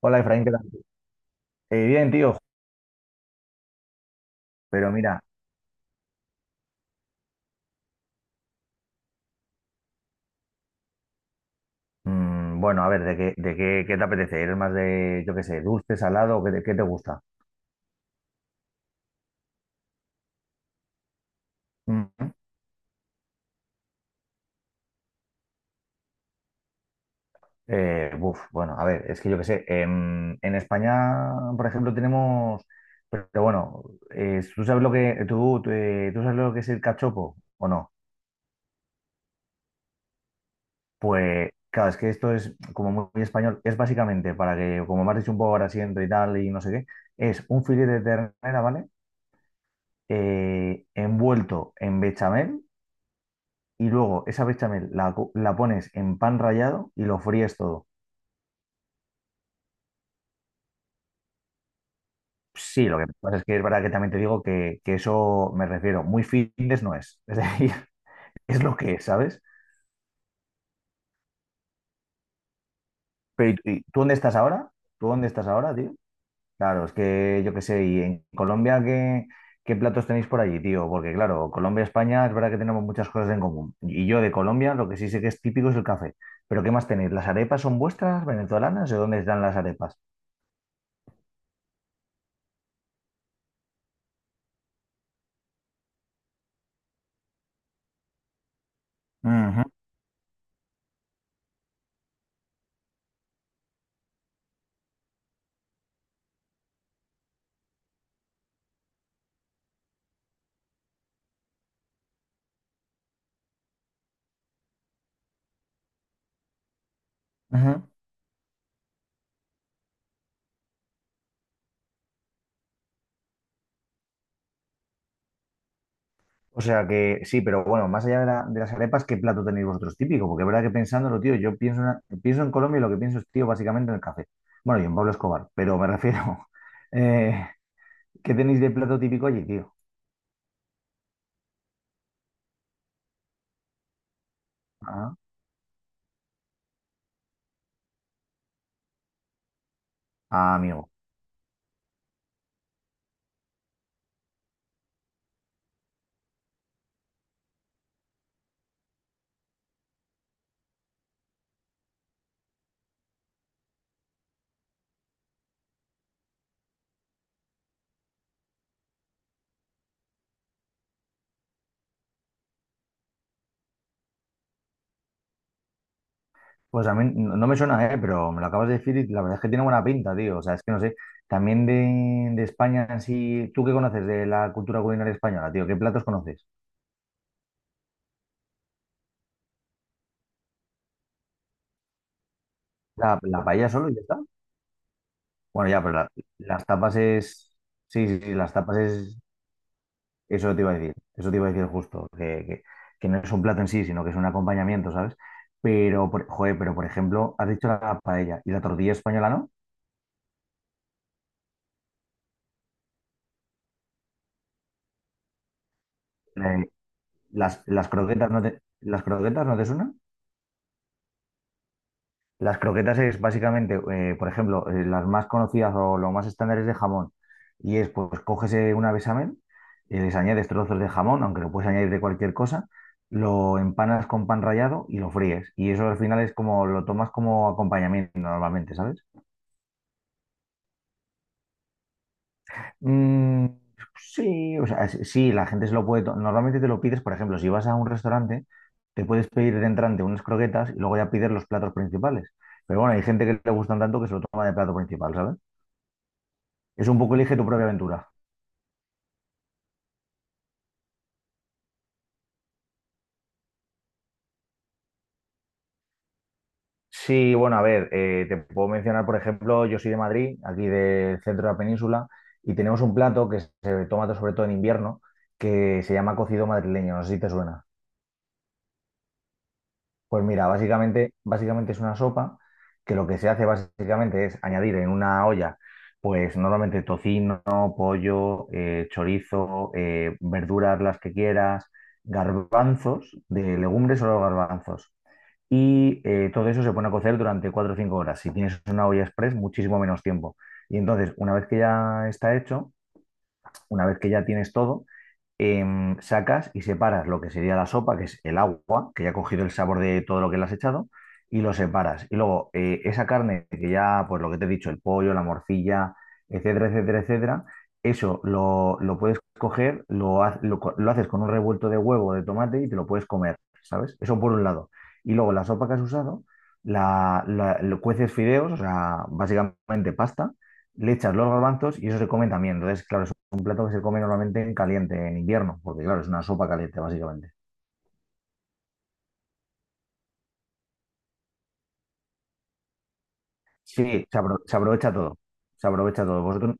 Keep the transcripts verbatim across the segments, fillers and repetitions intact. Hola Efraín, ¿qué tal? Eh, bien, tío, pero mira, mm, bueno, a ver, ¿de qué, de qué, ¿qué te apetece? ¿Eres más de, yo qué sé, dulce, salado? ¿Qué te, ¿qué te gusta? Mm, eh, buf, bueno, a ver, es que yo qué sé, em, en España, por ejemplo, tenemos, pero, bueno, eh, ¿tú sabes lo que, tú, tú, eh, ¿tú sabes lo que es el cachopo o no? Pues, claro, es que esto es como muy, muy español, es básicamente para que, como me has dicho un poco ahora siento y tal y no sé qué, es un filete de ternera, ¿vale? eh, envuelto en bechamel y luego esa bechamel la, co- la pones en pan rallado y lo fríes todo. Sí, lo que pasa es que es verdad que también te digo que, que eso me refiero, muy fitness no es, es decir, es lo que es, ¿sabes? Pero ¿y- ¿y tú dónde estás ahora? ¿Tú dónde estás ahora, tío? Claro, es que yo qué sé, y en Colombia, ¿qué, ¿qué platos tenéis por allí, tío? Porque claro, Colombia, España, es verdad que tenemos muchas cosas en común. Y yo de Colombia, lo que sí sé que es típico es el café. Pero ¿qué más tenéis? ¿Las arepas son vuestras, venezolanas? ¿De dónde están las arepas? Ujú, ujú. O sea que sí, pero bueno, más allá de, la- de las arepas, ¿qué plato tenéis vosotros típico? Porque es verdad que pensándolo, tío, yo pienso, en pienso en Colombia y lo que pienso es, tío, básicamente en el café. Bueno, y en Pablo Escobar, pero me refiero, eh, ¿qué tenéis de plato típico allí, tío? Ah, ah, amigo. Pues a mí no no me suena, eh, pero me lo acabas de decir y la verdad es que tiene buena pinta, tío. O sea, es que no sé, también de, de España, así, ¿tú qué conoces de la cultura culinaria española, tío? ¿Qué platos conoces? ¿La, la paella solo y ya está? Bueno, ya, pero la- las tapas es... Sí, sí, sí, las tapas es... Eso te iba a decir, eso te iba a decir justo, que, que, que no es un plato en sí, sino que es un acompañamiento, ¿sabes? Pero, por- joder, pero por ejemplo, has dicho la paella y la tortilla española, ¿no? Eh, las, las croquetas no te, ¿las croquetas no te suenan? Las croquetas es básicamente, eh, por ejemplo, eh, las más conocidas o lo más estándar es de jamón. Y es, pues, coges eh, una bechamel, eh, les añades trozos de jamón, aunque lo puedes añadir de cualquier cosa, lo empanas con pan rallado y lo fríes. Y eso al final es como, lo tomas como acompañamiento normalmente, ¿sabes? Mm, sí, o sea, s- sí, la gente se lo puede, to- normalmente te lo pides, por ejemplo, si vas a un restaurante, te puedes pedir de entrante unas croquetas y luego ya pides los platos principales. Pero bueno, hay gente que le gustan tanto que se lo toma de plato principal, ¿sabes? Es un poco elige tu propia aventura. Sí, bueno, a ver, eh, te puedo mencionar, por ejemplo, yo soy de Madrid, aquí del centro de la península, y tenemos un plato que se toma sobre todo en invierno, que se llama cocido madrileño, no sé si te suena. Pues mira, básicamente, básicamente es una sopa que lo que se hace básicamente es añadir en una olla, pues normalmente tocino, pollo, eh, chorizo, eh, verduras las que quieras, garbanzos, de legumbres o garbanzos y eh, todo eso se pone a cocer durante cuatro o cinco horas. Si tienes una olla express, muchísimo menos tiempo. Y entonces, una vez que ya está hecho, una vez que ya tienes todo, em, sacas y separas lo que sería la sopa, que es el agua, que ya ha cogido el sabor de todo lo que le has echado, y lo separas. Y luego eh, esa carne que ya, pues lo que te he dicho, el pollo, la morcilla, etcétera, etcétera, etcétera, eso lo, lo puedes coger, lo, ha- lo co- lo haces con un revuelto de huevo, de tomate y te lo puedes comer, ¿sabes? Eso por un lado. Y luego la sopa que has usado, la, la- lo cueces fideos, o sea, básicamente pasta, le echas los garbanzos y eso se come también. Entonces, claro, un plato que se come normalmente en caliente, en invierno, porque claro, es una sopa caliente, básicamente. Sí, se, apro- se aprovecha todo, se aprovecha todo. Vosotros,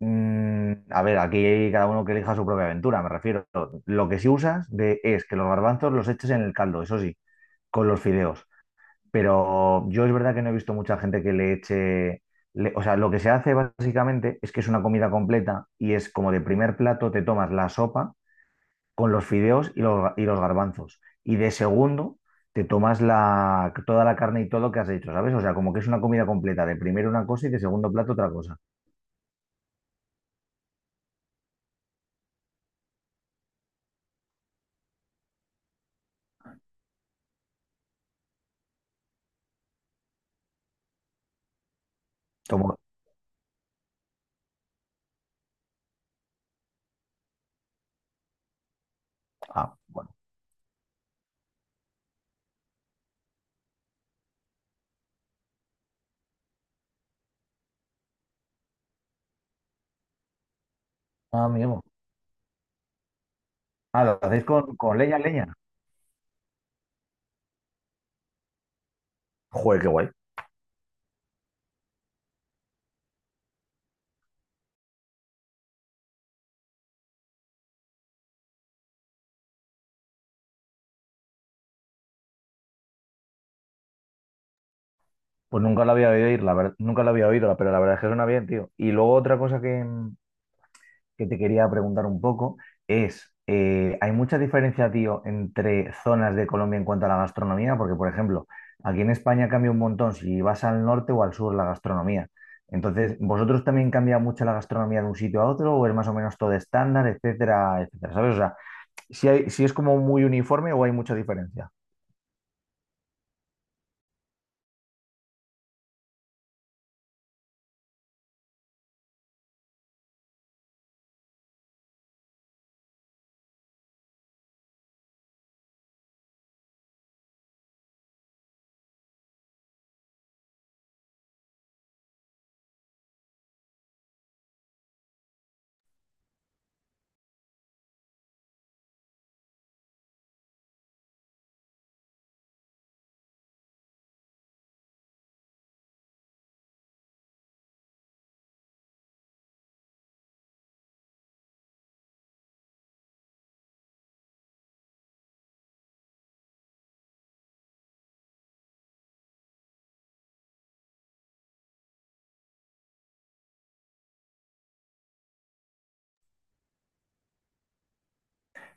mm, a ver, aquí cada uno que elija su propia aventura, me refiero. Lo que sí usas de, es que los garbanzos los eches en el caldo, eso sí, con los fideos. Pero yo es verdad que no he visto mucha gente que le eche... le- o sea, lo que se hace básicamente es que es una comida completa y es como de primer plato te tomas la sopa con los fideos y los, y los garbanzos. Y de segundo, te tomas la, toda la carne y todo lo que has hecho, ¿sabes? O sea, como que es una comida completa, de primero una cosa y de segundo plato otra cosa. Como, ah, bueno, ah, amigo. Ah, lo hacéis con, con leña, leña. Joder, qué guay. Pues nunca la había oído ir, la verdad, nunca la había oído, pero la verdad es que suena bien, tío. Y luego otra cosa que, que te quería preguntar un poco es, eh, ¿hay mucha diferencia, tío, entre zonas de Colombia en cuanto a la gastronomía? Porque, por ejemplo, aquí en España cambia un montón si vas al norte o al sur la gastronomía. Entonces, ¿vosotros también cambia mucho la gastronomía de un sitio a otro o es más o menos todo estándar, etcétera, etcétera? ¿Sabes? O sea, si hay, si es como muy uniforme o hay mucha diferencia.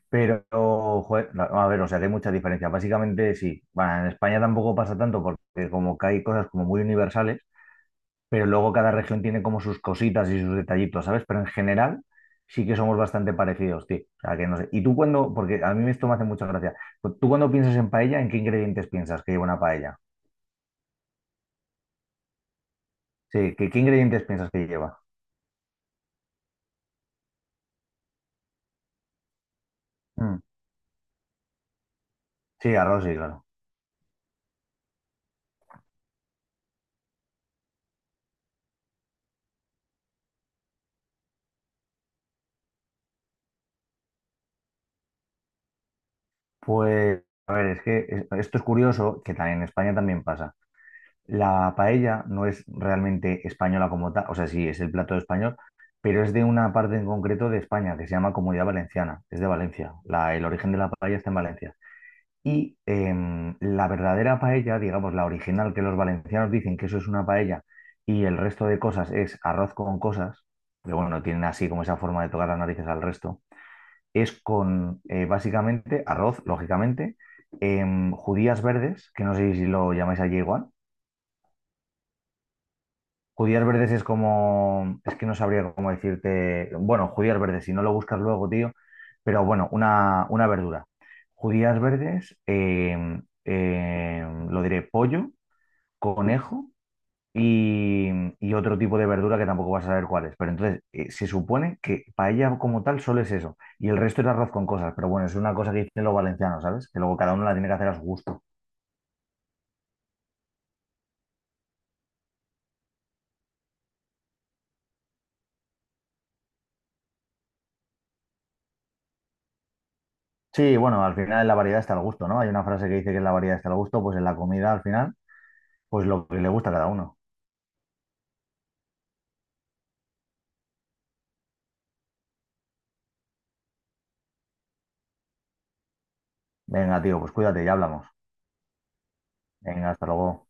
Pero, joder, no, a ver, o sea, que hay mucha diferencia. Básicamente sí. Bueno, en España tampoco pasa tanto porque como que hay cosas como muy universales pero luego cada región tiene como sus cositas y sus detallitos, ¿sabes? Pero en general sí que somos bastante parecidos, tío. O sea, que no sé. Y tú cuando, porque a mí esto me hace mucha gracia, pues tú cuando piensas en paella, ¿en qué ingredientes piensas que lleva una paella? Sí, ¿qué, ¿qué ingredientes piensas que lleva? Mm, sí, arroz, sí, claro. Pues, a ver, es que es- esto es curioso, que también en España también pasa. La paella no es realmente española como tal, o sea, sí, es el plato español, pero es de una parte en concreto de España que se llama Comunidad Valenciana, es de Valencia, la- el origen de la paella está en Valencia. Y em, la verdadera paella, digamos, la original que los valencianos dicen que eso es una paella y el resto de cosas es arroz con cosas, pero bueno, tienen así como esa forma de tocar las narices al resto, es con eh, básicamente arroz, lógicamente, em, judías verdes, que no sé si lo llamáis allí igual. Judías verdes es como, es que no sabría cómo decirte, bueno, judías verdes, si no lo buscas luego, tío, pero bueno, una, una verdura. Judías verdes, eh, eh, lo diré, pollo, conejo y, y otro tipo de verdura que tampoco vas a saber cuál es. Pero entonces, eh, se supone que paella como tal solo es eso, y el resto es arroz con cosas, pero bueno, es una cosa que dicen los valencianos, ¿sabes? Que luego cada uno la tiene que hacer a su gusto. Sí, bueno, al final en la variedad está el gusto, ¿no? Hay una frase que dice que en la variedad está el gusto, pues en la comida al final. Pues lo que le gusta a cada uno. Venga, tío, pues cuídate, y hablamos. Venga, hasta luego.